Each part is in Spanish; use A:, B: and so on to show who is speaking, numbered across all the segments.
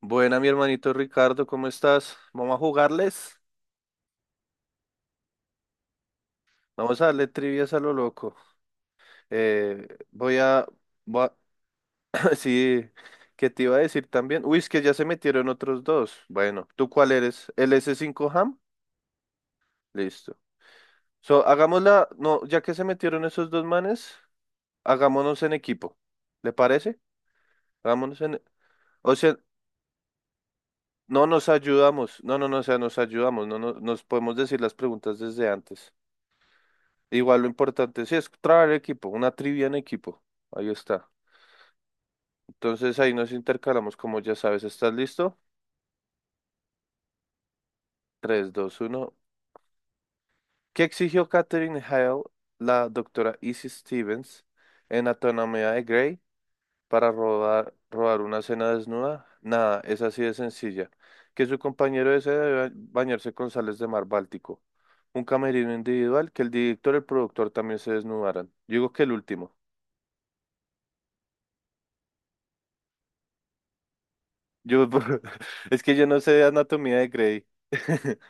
A: Buena, mi hermanito Ricardo, ¿cómo estás? Vamos a jugarles. Vamos a darle trivias a lo loco. Eh, voy a, voy a- Sí, ¿qué te iba a decir también? Uy, es que ya se metieron otros dos. Bueno, ¿tú cuál eres? ¿El s 5 ham? Listo. So, hagámosla. No, ya que se metieron esos dos manes, hagámonos en equipo. ¿Le parece? Hagámonos en. O sea, no nos ayudamos. No, no, no, o sea, nos ayudamos. No, no, nos podemos decir las preguntas desde antes. Igual lo importante sí es trabajar en equipo, una trivia en equipo. Ahí está. Entonces ahí nos intercalamos, como ya sabes. ¿Estás listo? Tres, dos, uno. ¿Qué exigió Catherine Hale, la doctora Izzy Stevens, en Anatomía de Grey para robar una cena desnuda? Nada, es así de sencilla. Que su compañero desee debe bañarse con sales de mar Báltico. Un camerino individual, que el director y el productor también se desnudaran. Yo digo que el último. Yo, es que yo no sé Anatomía de Grey.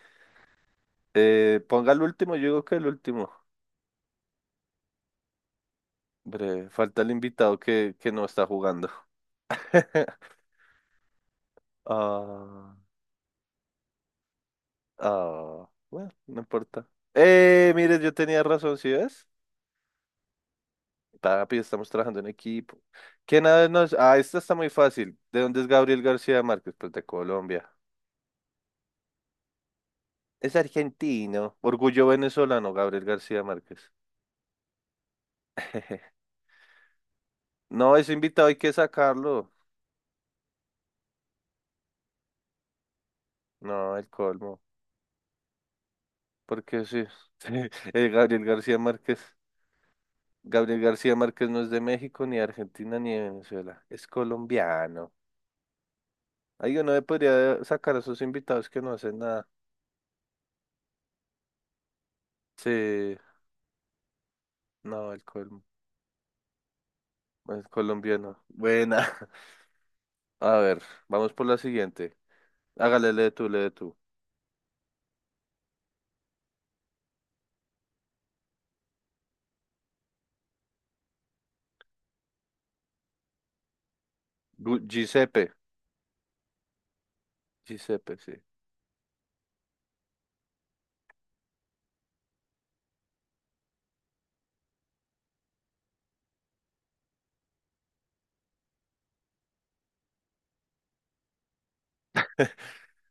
A: Ponga el último, yo digo que el último. Hombre, falta el invitado que no está jugando. Ah, ah, bueno, no importa. Mire, yo tenía razón, ¿sí ves? Papi, estamos trabajando en equipo. ¿Quién a- nos...? Ah, esta está muy fácil. ¿De dónde es Gabriel García Márquez? Pues de Colombia. Es argentino. Orgullo venezolano, Gabriel García Márquez. No, ese invitado hay que sacarlo. No, el colmo. Porque sí, Gabriel García Márquez. Gabriel García Márquez no es de México, ni de Argentina, ni de Venezuela. Es colombiano. Ahí uno le podría sacar a sus invitados que no hacen nada. Sí, no, el colombiano. Buena. A ver, vamos por la siguiente. Hágale, lee tú. Giuseppe. Giuseppe, sí.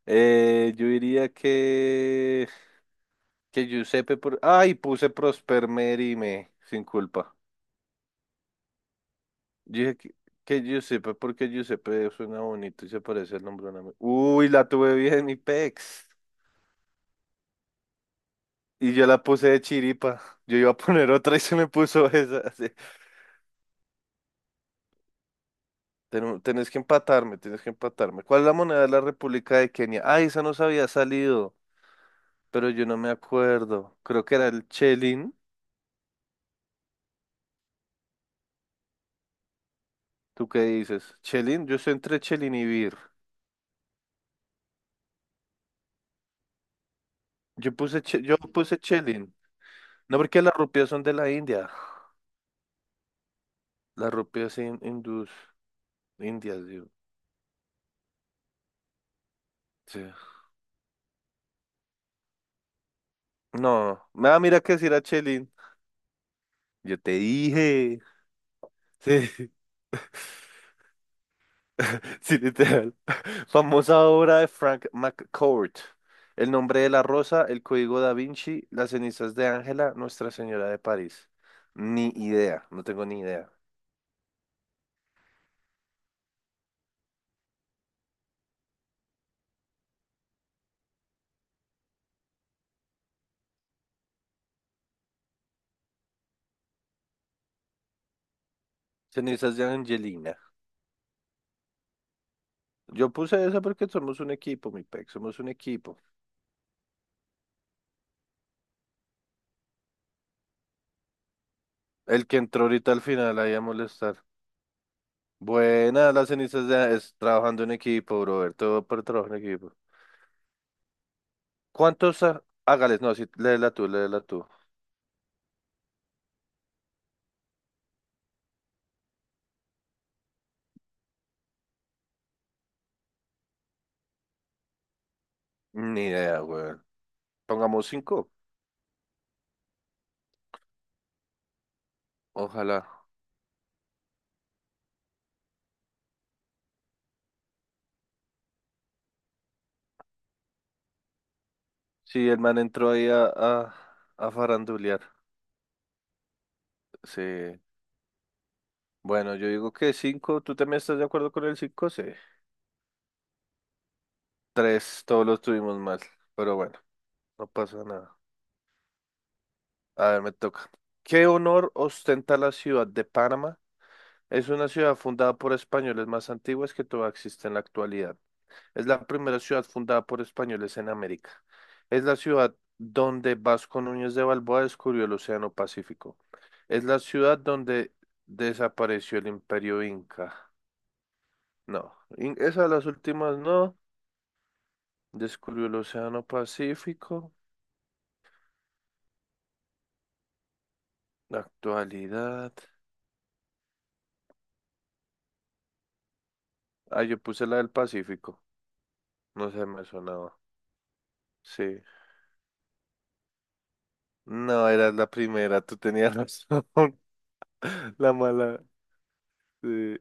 A: Yo diría que... Que Giuseppe por... Ay, puse Prosper Merime, sin culpa. Yo dije que Giuseppe, porque Giuseppe suena bonito y se parece al nombre de un amigo. Uy, la tuve bien, mi pex. Y yo la puse de chiripa. Yo iba a poner otra y se me puso esa. Así. Tenés que empatarme, tienes que empatarme. ¿Cuál es la moneda de la República de Kenia? Ah, esa nos había salido, pero yo no me acuerdo. Creo que era el chelín. ¿Tú qué dices? ¿Chelín? Yo estoy entre chelín y bir. Yo puse, yo puse chelín. No, porque las rupias son de la India. Las hindús. Indias, digo. Sí. No, nada, mira que si era chelín. Yo te dije. Sí, sí, literal. Famosa obra de Frank McCourt. El nombre de la rosa, el código Da Vinci, las cenizas de Ángela, Nuestra Señora de París. Ni idea, no tengo ni idea. Cenizas de Angelina. Yo puse esa porque somos un equipo, mi pec, somos un equipo. El que entró ahorita al final ahí a molestar. Buena, las cenizas de... Es trabajando en equipo, brother, todo por trabajo en equipo. ¿Cuántos? Hágales, no, sí, léela tú. Ni idea, weón. Pongamos cinco. Ojalá. Sí, el man entró ahí a farandulear. Sí. Bueno, yo digo que cinco. ¿Tú también estás de acuerdo con el cinco? Sí. Tres, todos los tuvimos mal. Pero bueno, no pasa nada. A ver, me toca. ¿Qué honor ostenta la ciudad de Panamá? Es una ciudad fundada por españoles más antiguas que todavía existe en la actualidad. Es la primera ciudad fundada por españoles en América. Es la ciudad donde Vasco Núñez de Balboa descubrió el Océano Pacífico. Es la ciudad donde desapareció el Imperio Inca. No, esas las últimas no. Descubrió el Océano Pacífico. Actualidad. Ah, yo puse la del Pacífico. No se me sonaba. Sí. No, era la primera. Tú tenías razón. La mala. Sí.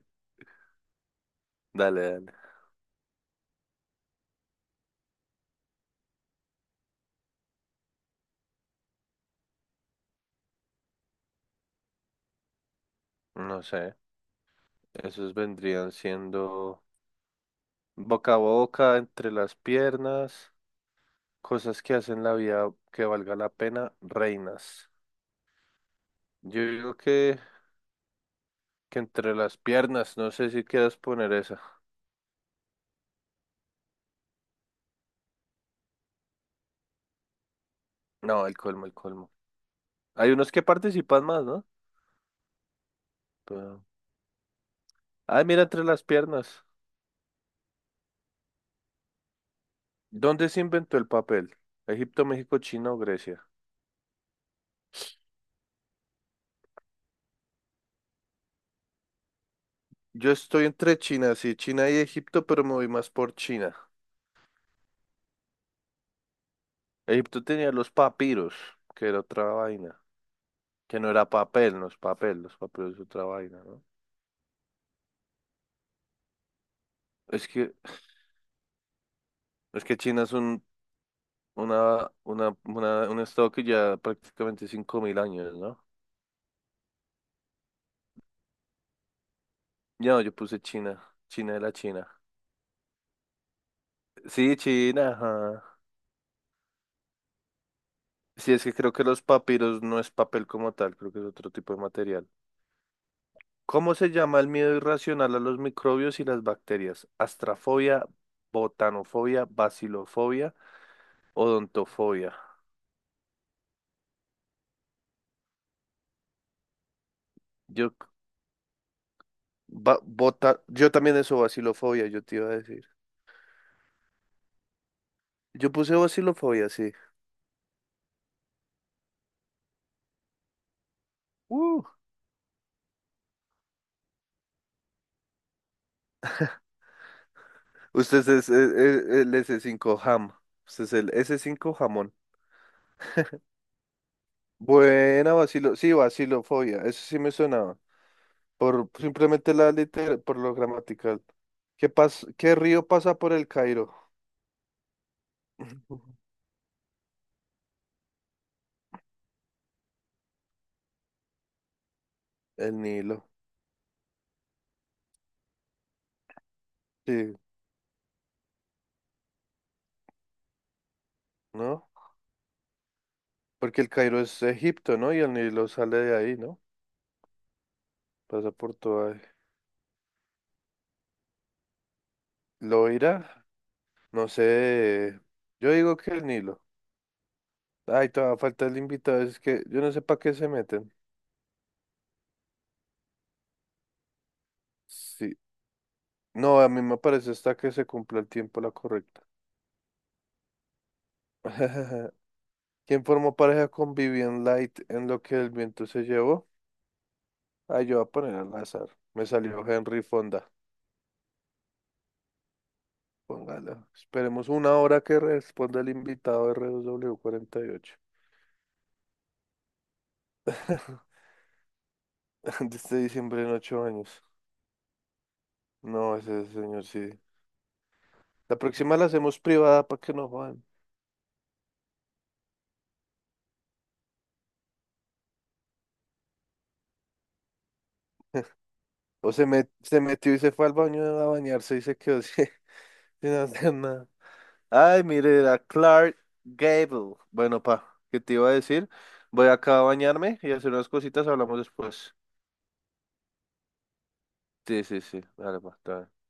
A: Dale, dale. No sé. Esos vendrían siendo boca a boca, entre las piernas, cosas que hacen la vida que valga la pena, reinas. Yo digo que entre las piernas, no sé si quieras poner esa. No, el colmo, el colmo. Hay unos que participan más, ¿no? Pero... Ay, mira, entre las piernas. ¿Dónde se inventó el papel? ¿Egipto, México, China o Grecia? Yo estoy entre China, sí, China y Egipto, pero me voy más por China. Egipto tenía los papiros, que era otra vaina. Que no era papel, no es papel, los papeles es otra vaina, ¿no? Es que, es que China es un estado que ya prácticamente 5.000 años, ¿no? No, yo puse China, China de la China. Sí, China, ajá. Sí, es que creo que los papiros no es papel como tal, creo que es otro tipo de material. ¿Cómo se llama el miedo irracional a los microbios y las bacterias? ¿Astrafobia, botanofobia, bacilofobia, odontofobia? Yo Yo también eso, vacilofobia, yo te iba a decir. Yo puse vacilofobia, sí. Uh. Usted es el S5 ham. Usted es el s cinco jamón. Buena vacilo, sí, vacilofobia, eso sí me sonaba. Por simplemente la liter, por lo gramatical. ¿Qué río pasa por el Cairo? El Nilo. Sí, ¿no? Porque el Cairo es Egipto, ¿no? Y el Nilo sale de ahí, ¿no? Pasa por toda. ¿Loira? No sé. Yo digo que el Nilo. Ay, todavía falta el invitado, es que yo no sé para qué se meten. Sí. No, a mí me parece hasta que se cumpla el tiempo la correcta. ¿Quién formó pareja con Vivian Light en Lo que el viento se llevó? Ah, yo voy a poner al azar. Me salió Henry Fonda. Póngala. Esperemos una hora que responda el invitado R dos W RW48. De este diciembre en ocho años. No, ese señor sí. La próxima la hacemos privada para que no jodan. O se, se metió y se fue al baño a bañarse y se quedó sin, sin hacer nada. Ay, mire, era Clark Gable. Bueno, pa, ¿qué te iba a decir? Voy acá a bañarme y hacer unas cositas, hablamos después. Sí, sí, sí. Dale, pa, está bien.